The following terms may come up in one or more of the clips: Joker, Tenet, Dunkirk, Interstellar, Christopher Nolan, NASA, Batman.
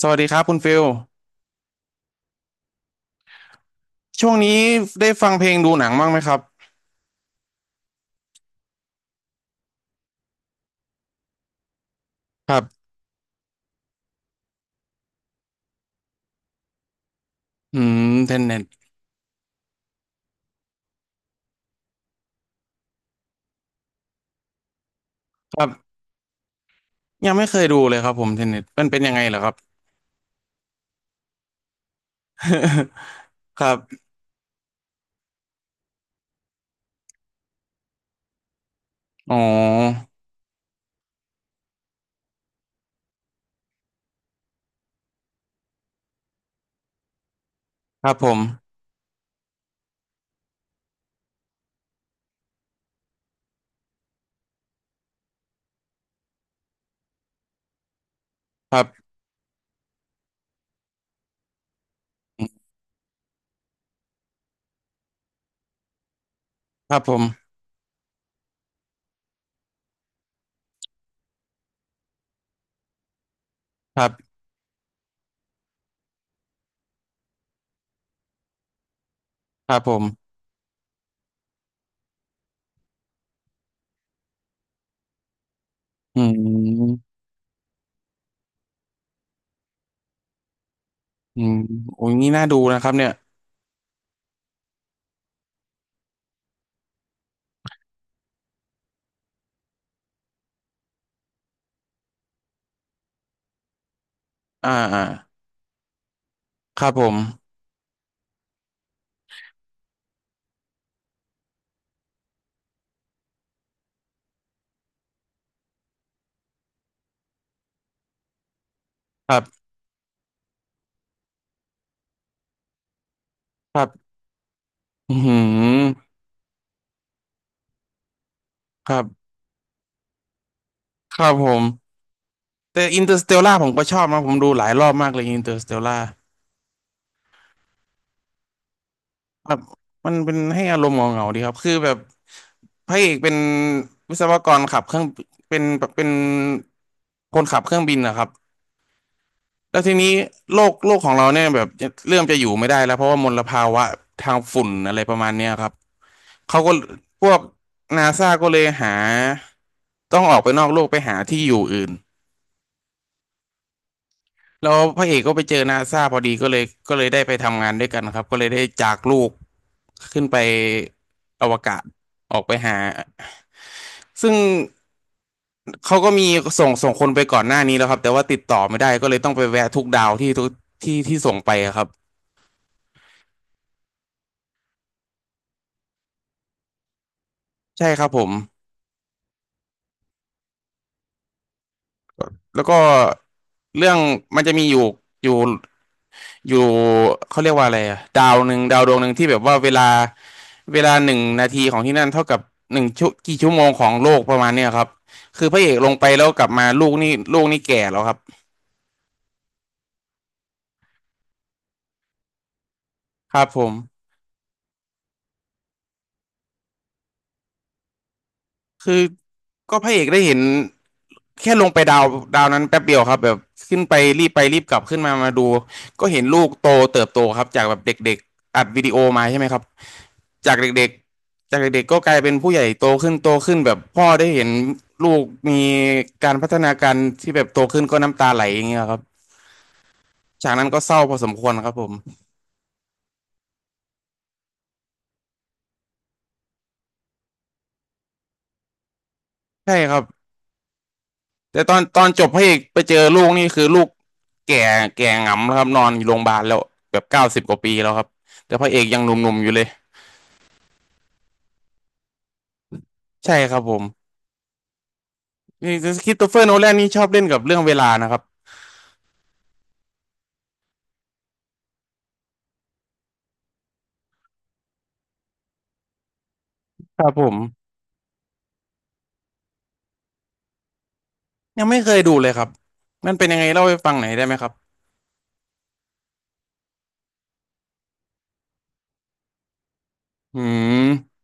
สวัสดีครับคุณฟิลช่วงนี้ได้ฟังเพลงดูหนังบ้างไหมครับครับอืมเทนเน็ตครับยังไม่เคยดูเลยครับผมเทนเน็ตมันเป็นยังไงเหรอครับ ครับอ๋อครับผมครับครับผมครับครับผมอืมอืมโอ้ยนี่น่าดูนะครับเนี่ยอ่าอ่าครับผมครับครับอืมครับครับผมแต่อินเตอร์สเตลล่าผมก็ชอบนะผมดูหลายรอบมากเลยอินเตอร์สเตลล่า ครับมันเป็นให้อารมณ์เหงาๆดีครับคือแบบพระเอกเป็นวิศวกรขับเครื่องเป็นเป็นคนขับเครื่องบินนะครับแล้วทีนี้โลกของเราเนี่ยแบบเริ่มจะอยู่ไม่ได้แล้วเพราะว่ามลภาวะทางฝุ่นอะไรประมาณเนี้ยครับเขาก็พวกนาซาก็เลยหาต้องออกไปนอกโลกไปหาที่อยู่อื่น แล้วพระเอกก็ไปเจอนาซาพอดีก็เลยได้ไปทำงานด้วยกันครับก็เลยได้จากลูกขึ้นไปอวกาศออกไปหาซึ่งเขาก็มีส่งคนไปก่อนหน้านี้แล้วครับแต่ว่าติดต่อไม่ได้ก็เลยต้องไปแวะทุกดาวที่ทุกที่ที่ส่งไปอะครับใช่ครับผม แล้วก็เรื่องมันจะมีอยู่อยู่เขาเรียกว่าอะไรอะดาวหนึ่งดาวดวงหนึ่งที่แบบว่าเวลา1 นาทีของที่นั่นเท่ากับหนึ่งชั่วกี่ชั่วโมงของโลกประมาณเนี้ยครับคือพระเอกลงไปแล้วกลับมาลูกนี่แก่แล้วครับครับผม คือก็พระเอกได้เห็นแค่ลงไปดาวนั้นแป๊บเดียวครับแบบขึ้นไปรีบไปรีบกลับขึ้นมามาดูก็เห็นลูกโตเติบโตครับจากแบบเด็กๆอัดวิดีโอมาใช่ไหมครับจากเด็กๆจากเด็กๆก็กลายเป็นผู้ใหญ่โตขึ้นโตขึ้นแบบพ่อได้เห็นลูกมีการพัฒนาการที่แบบโตขึ้นก็น้ำตาไหลอย่างเงี้ยครับฉากนั้นก็เศร้าพอสมควรครับผมใช่ครับ แต่ตอนตอนจบพระเอกไปเจอลูกนี่คือลูกแก่แก่หงำแล้วครับนอนอยู่โรงพยาบาลแล้วแบบ90กว่าปีแล้วครับแต่พระเอกยังหนุ่มๆอยู่เลยใช่ครับผมนี่คริสโตเฟอร์โนแลนนี่ชอบเล่นกับเรื่องเวลานะครับครับผมยังไม่เคยดูเลยครับมันเป็นยังไงเล่าให้ฟังหน่อยได้ไหมครับอืม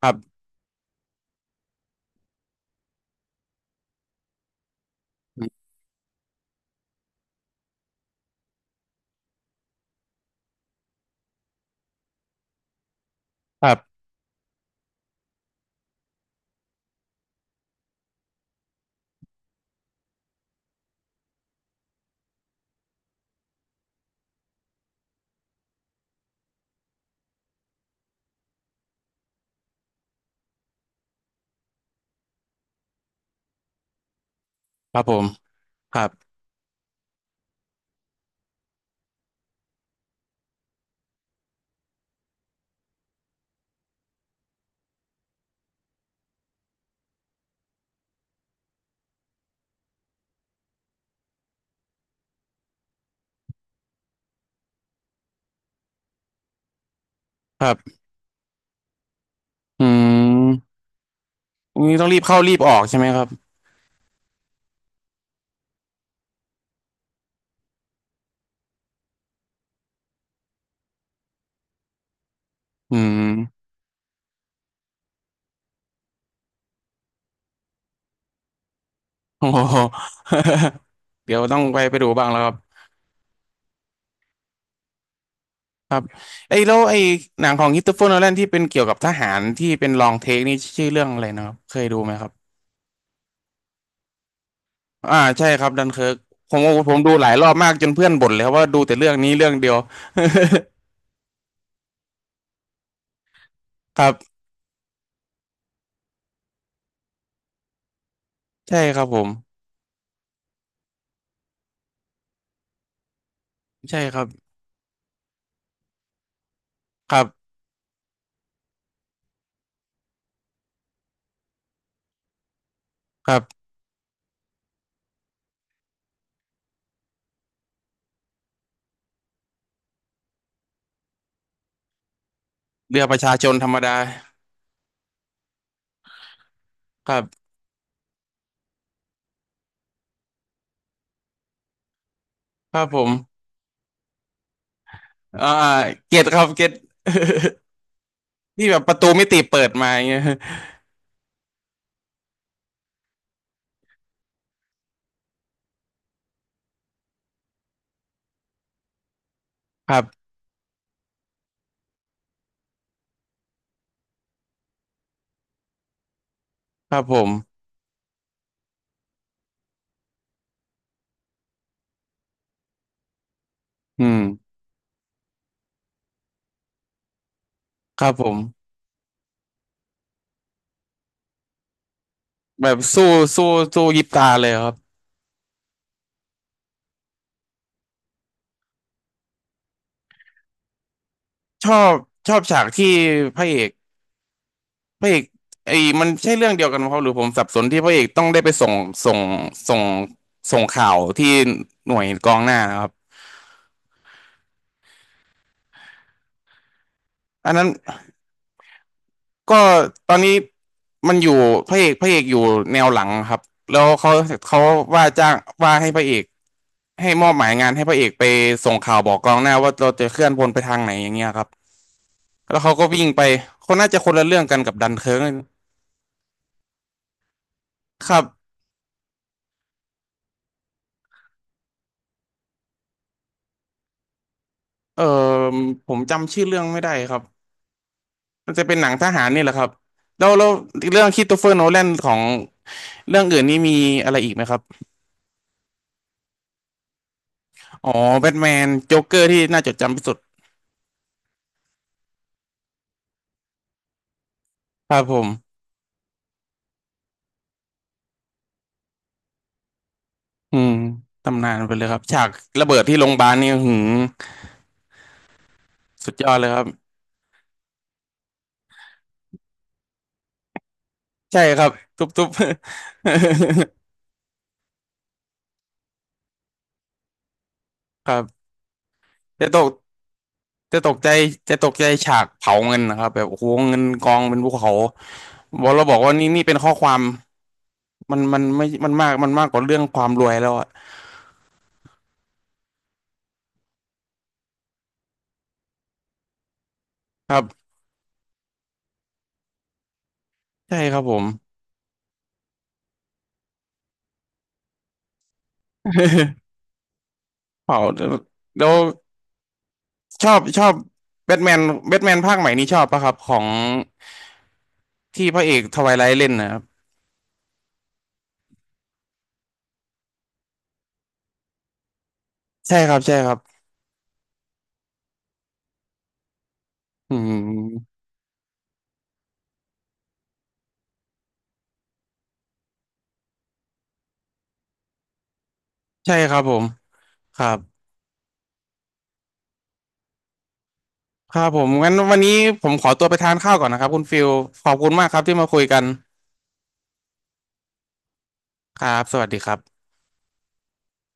ครับครับครับผมครับครับอืมนี่ต้องรีบเข้ารีบออกใช่ไหมครับอืมโอ้โห เดี๋ยวต้องไปดูบ้างแล้วครับ ไอ้แล้วไอ้หนังของค h ิตเฟอร์โนแลนที่เป็นเกี่ยวกับทหารที่เป็นลองเทคนี่ชื่อเรื่องอะไรนะครับเคยดูไหมครับอ่าใช่ครับดันเคิร์กผมผมดูหลายรอบมากจนเพื่อนบ่นเลยครับว่าดูแต่เรื่องนี้เรื่องเดียวครับใช่ครับผมใช่ครับครับครับเรือประชาชนธรรมดาครับครับผมอ่าเก็ตครับเก็ต ที่แบบประตูมิติเปิดมาอย่างเงี้ยครับครับผมอืมครับผมแบบสู้สู้สู้ยิบตาเลยครับชอบฉากที่พระเอก พระเอกไอ้มันใช่เรื่องเดียวกันไหมครับหรือผมสับสนที่พระเอกต้องได้ไปส่งส่งส่งส่งข่าวที่หน่วยกองหน้านะครับอันนั้นก็ตอนนี้มันอยู่พระเอกอยู่แนวหลังครับแล้วเขาเขาว่าจ้างว่าให้พระเอกให้มอบหมายงานให้พระเอกไปส่งข่าวบอกกองหน้าว่าเราจะเคลื่อนพลไปทางไหนอย่างเงี้ยครับแล้วเขาก็วิ่งไปคนน่าจะคนละเรื่องกันกับดันเคิร์กครับเออผมจำชื่อเรื่องไม่ได้ครับ มันจะเป็นหนังทหารนี่แหละครับแล้วแล้วเรื่องค h ิ i โตเฟอร์โนแลนของเรื่องอื่นนี่มีอะไรอีกไหมครับอ๋อแบทแมนโจ๊กเกอร์ที่น่าจดจำที่สุดครับผมอืมตำนานไปเลยครับฉากระเบิดที่โรงพยาบาลนี่อื้อหือสุดยอดเลยครับใช่ครับทุบทุบ ครับจะตกจะตกใจจะตกใจฉากเผาเงินนะครับแบบโอ้โหเงินกองเป็นภูเขาบอกเราบอกว่านี่เป็นข้อความมันไม่มันมากกว่าเรื่องความรวยแล้วอะครับใช่ครับผม เผาแล้วชอบแบทแมนภาคใหม่นี้ชอบปะครับของที่พระเอกทวายไลท์เล่นนะครับใช่ครับใช่ครับอืมใช่ครับผมครับครับผมงั้นวันนี้ผมขอตัวไปทานข้าวก่อนนะครับคุณฟิลขอบคุณมากครับที่มาคุยกันครับสวัสดีครับ